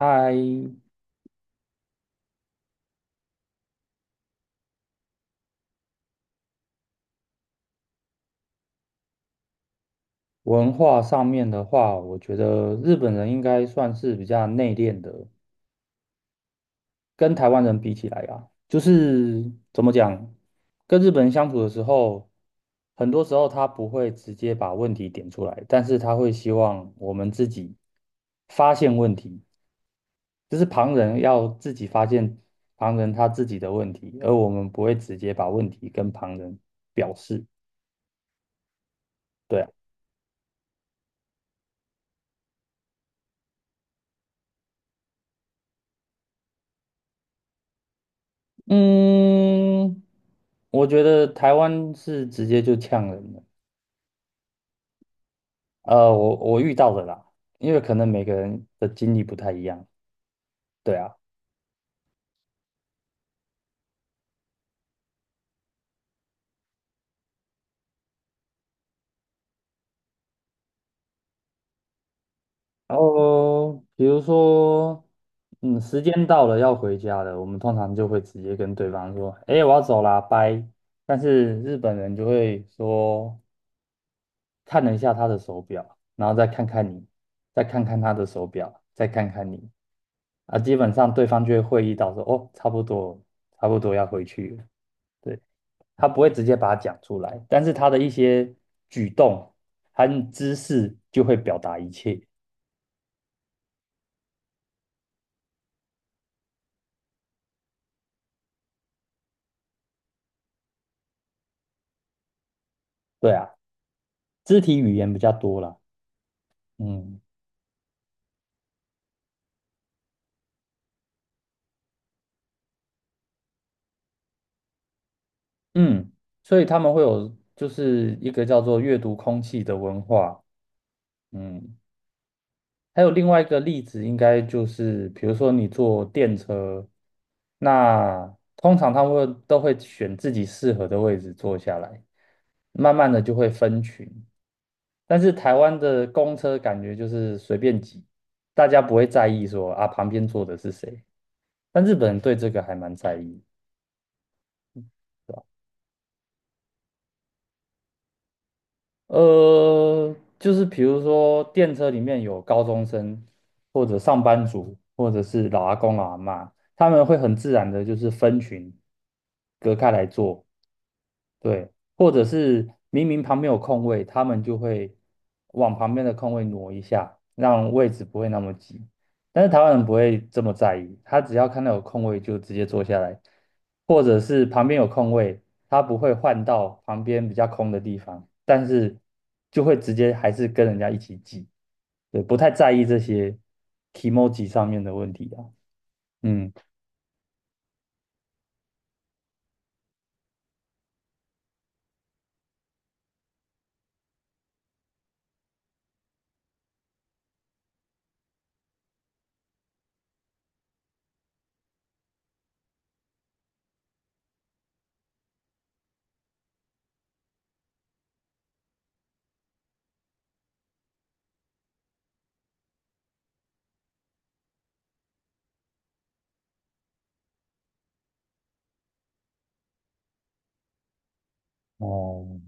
在文化上面的话，我觉得日本人应该算是比较内敛的，跟台湾人比起来啊，就是怎么讲，跟日本人相处的时候，很多时候他不会直接把问题点出来，但是他会希望我们自己发现问题，就是旁人要自己发现旁人他自己的问题，而我们不会直接把问题跟旁人表示。对啊。嗯，我觉得台湾是直接就呛人的，我遇到的啦，因为可能每个人的经历不太一样，对啊。然后比如说，嗯，时间到了要回家了，我们通常就会直接跟对方说，哎，我要走啦，拜。但是日本人就会说，看了一下他的手表，然后再看看你，再看看他的手表，再看看你，啊，基本上对方就会会意到说，哦，差不多，差不多要回去了。对，他不会直接把它讲出来，但是他的一些举动和姿势就会表达一切。对啊，肢体语言比较多了。嗯嗯，所以他们会有就是一个叫做阅读空气的文化。嗯，还有另外一个例子，应该就是比如说你坐电车，那通常他们会都会选自己适合的位置坐下来，慢慢的就会分群。但是台湾的公车感觉就是随便挤，大家不会在意说啊旁边坐的是谁，但日本人对这个还蛮在意。是吧？就是比如说电车里面有高中生，或者上班族，或者是老阿公老阿妈，他们会很自然的就是分群隔开来坐。对，或者是明明旁边有空位，他们就会往旁边的空位挪一下，让位置不会那么挤。但是台湾人不会这么在意，他只要看到有空位就直接坐下来，或者是旁边有空位，他不会换到旁边比较空的地方，但是就会直接还是跟人家一起挤，对，不太在意这些 emoji 上面的问题啊。嗯，哦，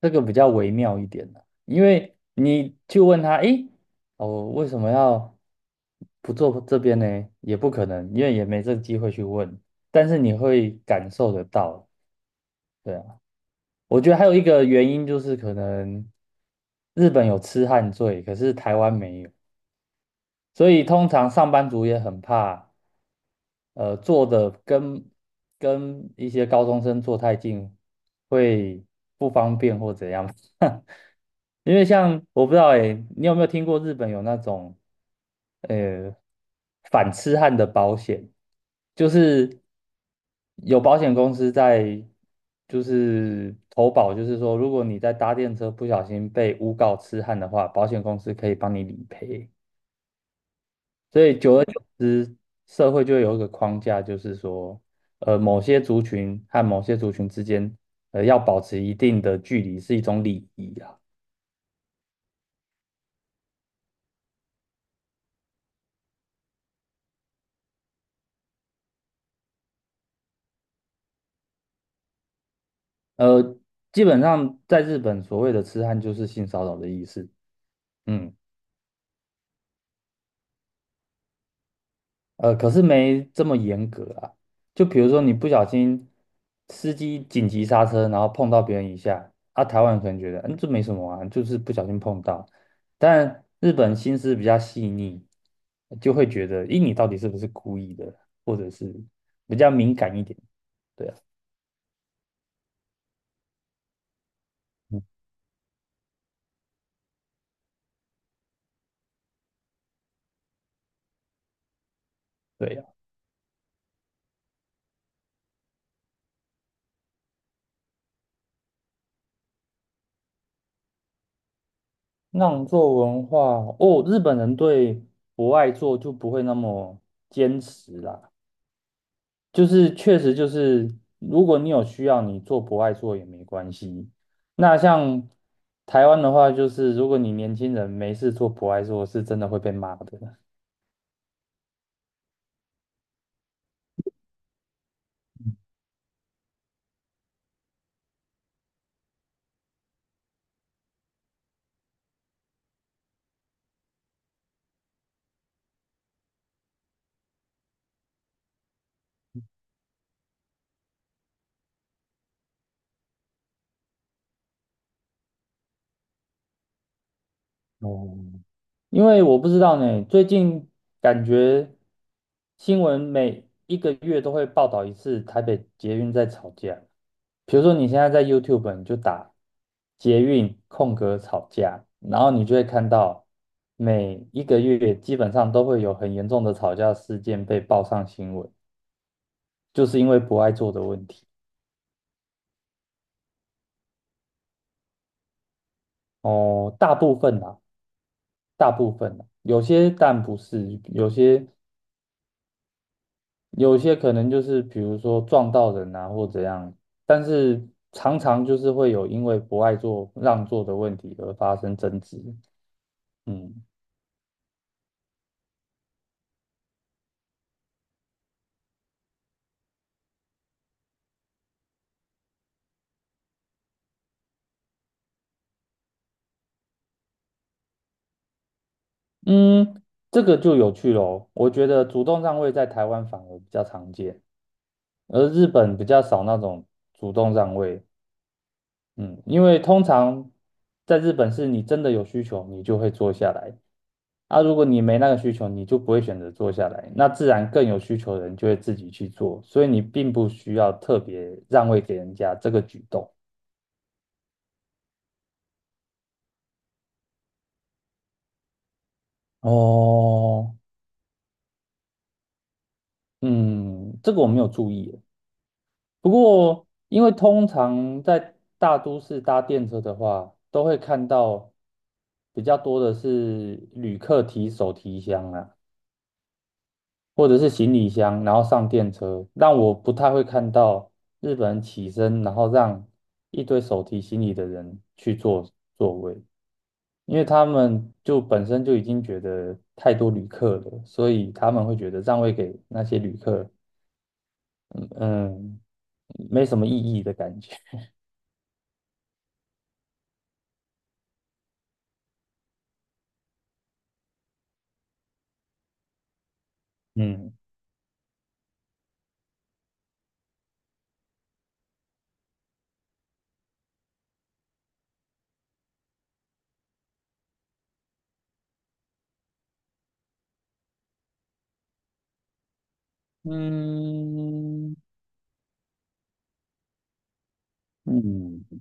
这个比较微妙一点呢，因为你去问他，诶，哦，为什么要不做这边呢？也不可能，因为也没这个机会去问，但是你会感受得到，对啊。我觉得还有一个原因就是可能日本有痴汉罪，可是台湾没有，所以通常上班族也很怕。坐的跟一些高中生坐太近会不方便或怎样？因为像我不知道诶，你有没有听过日本有那种呃反痴汉的保险？就是有保险公司在就是投保，就是说如果你在搭电车不小心被诬告痴汉的话，保险公司可以帮你理赔。所以久而久之，社会就会有一个框架，就是说，某些族群和某些族群之间，要保持一定的距离是一种礼仪啊。呃，基本上在日本，所谓的痴汉就是性骚扰的意思。嗯。可是没这么严格啊。就比如说你不小心司机紧急刹车，然后碰到别人一下，啊，台湾人可能觉得，嗯，这没什么啊，就是不小心碰到。但日本心思比较细腻，就会觉得，咦，你到底是不是故意的，或者是比较敏感一点。对啊，嗯，对呀，让座文化哦，日本人对不爱做就不会那么坚持啦。就是确实就是，如果你有需要，你做不爱做也没关系。那像台湾的话，就是如果你年轻人没事做不爱做，是真的会被骂的。哦，因为我不知道呢，最近感觉新闻每一个月都会报道一次台北捷运在吵架。比如说你现在在 YouTube，你就打捷运空格吵架，然后你就会看到每一个月基本上都会有很严重的吵架事件被报上新闻，就是因为不爱做的问题。哦，大部分啦，大部分啦，有些但不是，有些可能就是比如说撞到人啊或怎样，但是常常就是会有因为不爱做让座的问题而发生争执。嗯。嗯，这个就有趣喽。我觉得主动让位在台湾反而比较常见，而日本比较少那种主动让位。嗯，因为通常在日本是你真的有需求，你就会坐下来。啊，如果你没那个需求，你就不会选择坐下来，那自然更有需求的人就会自己去做，所以你并不需要特别让位给人家这个举动。哦，嗯，这个我没有注意耶，不过，因为通常在大都市搭电车的话，都会看到比较多的是旅客提手提箱啊，或者是行李箱，然后上电车，让我不太会看到日本人起身，然后让一堆手提行李的人去坐座位，因为他们就本身就已经觉得太多旅客了，所以他们会觉得让位给那些旅客，嗯，没什么意义的感觉，嗯。嗯嗯，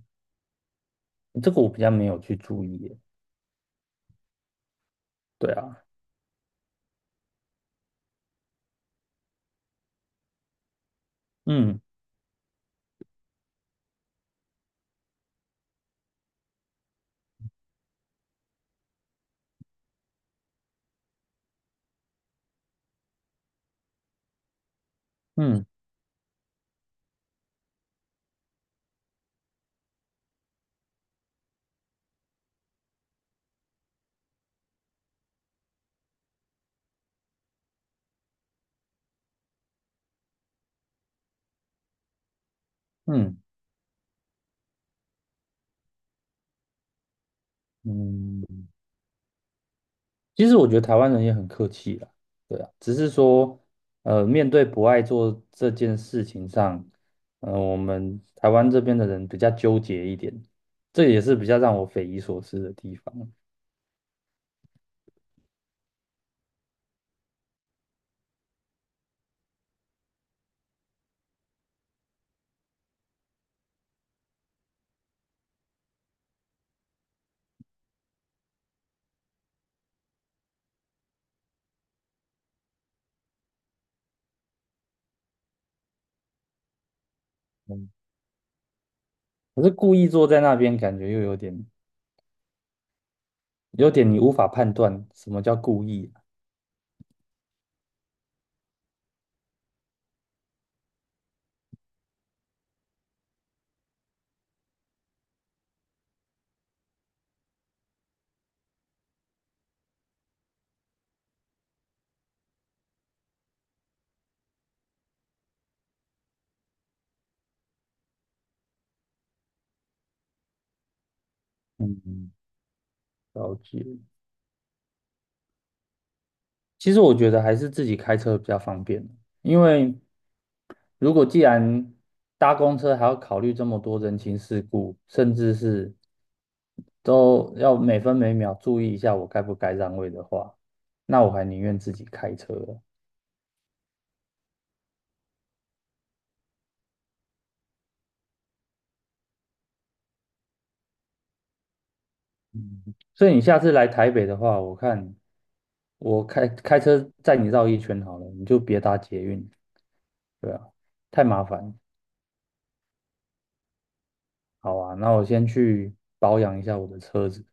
这个我比较没有去注意耶。对啊，嗯嗯嗯嗯，其实我觉得台湾人也很客气啦。对啊，只是说，面对不爱做这件事情上，我们台湾这边的人比较纠结一点，这也是比较让我匪夷所思的地方。嗯，可是故意坐在那边，感觉又有点你无法判断什么叫故意啊。嗯，了解。其实我觉得还是自己开车比较方便，因为如果既然搭公车还要考虑这么多人情世故，甚至是都要每分每秒注意一下我该不该让位的话，那我还宁愿自己开车了。嗯，所以你下次来台北的话，我看我开车载你绕一圈好了，你就别搭捷运，对啊，太麻烦。好啊，那我先去保养一下我的车子，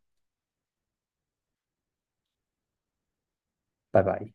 拜拜。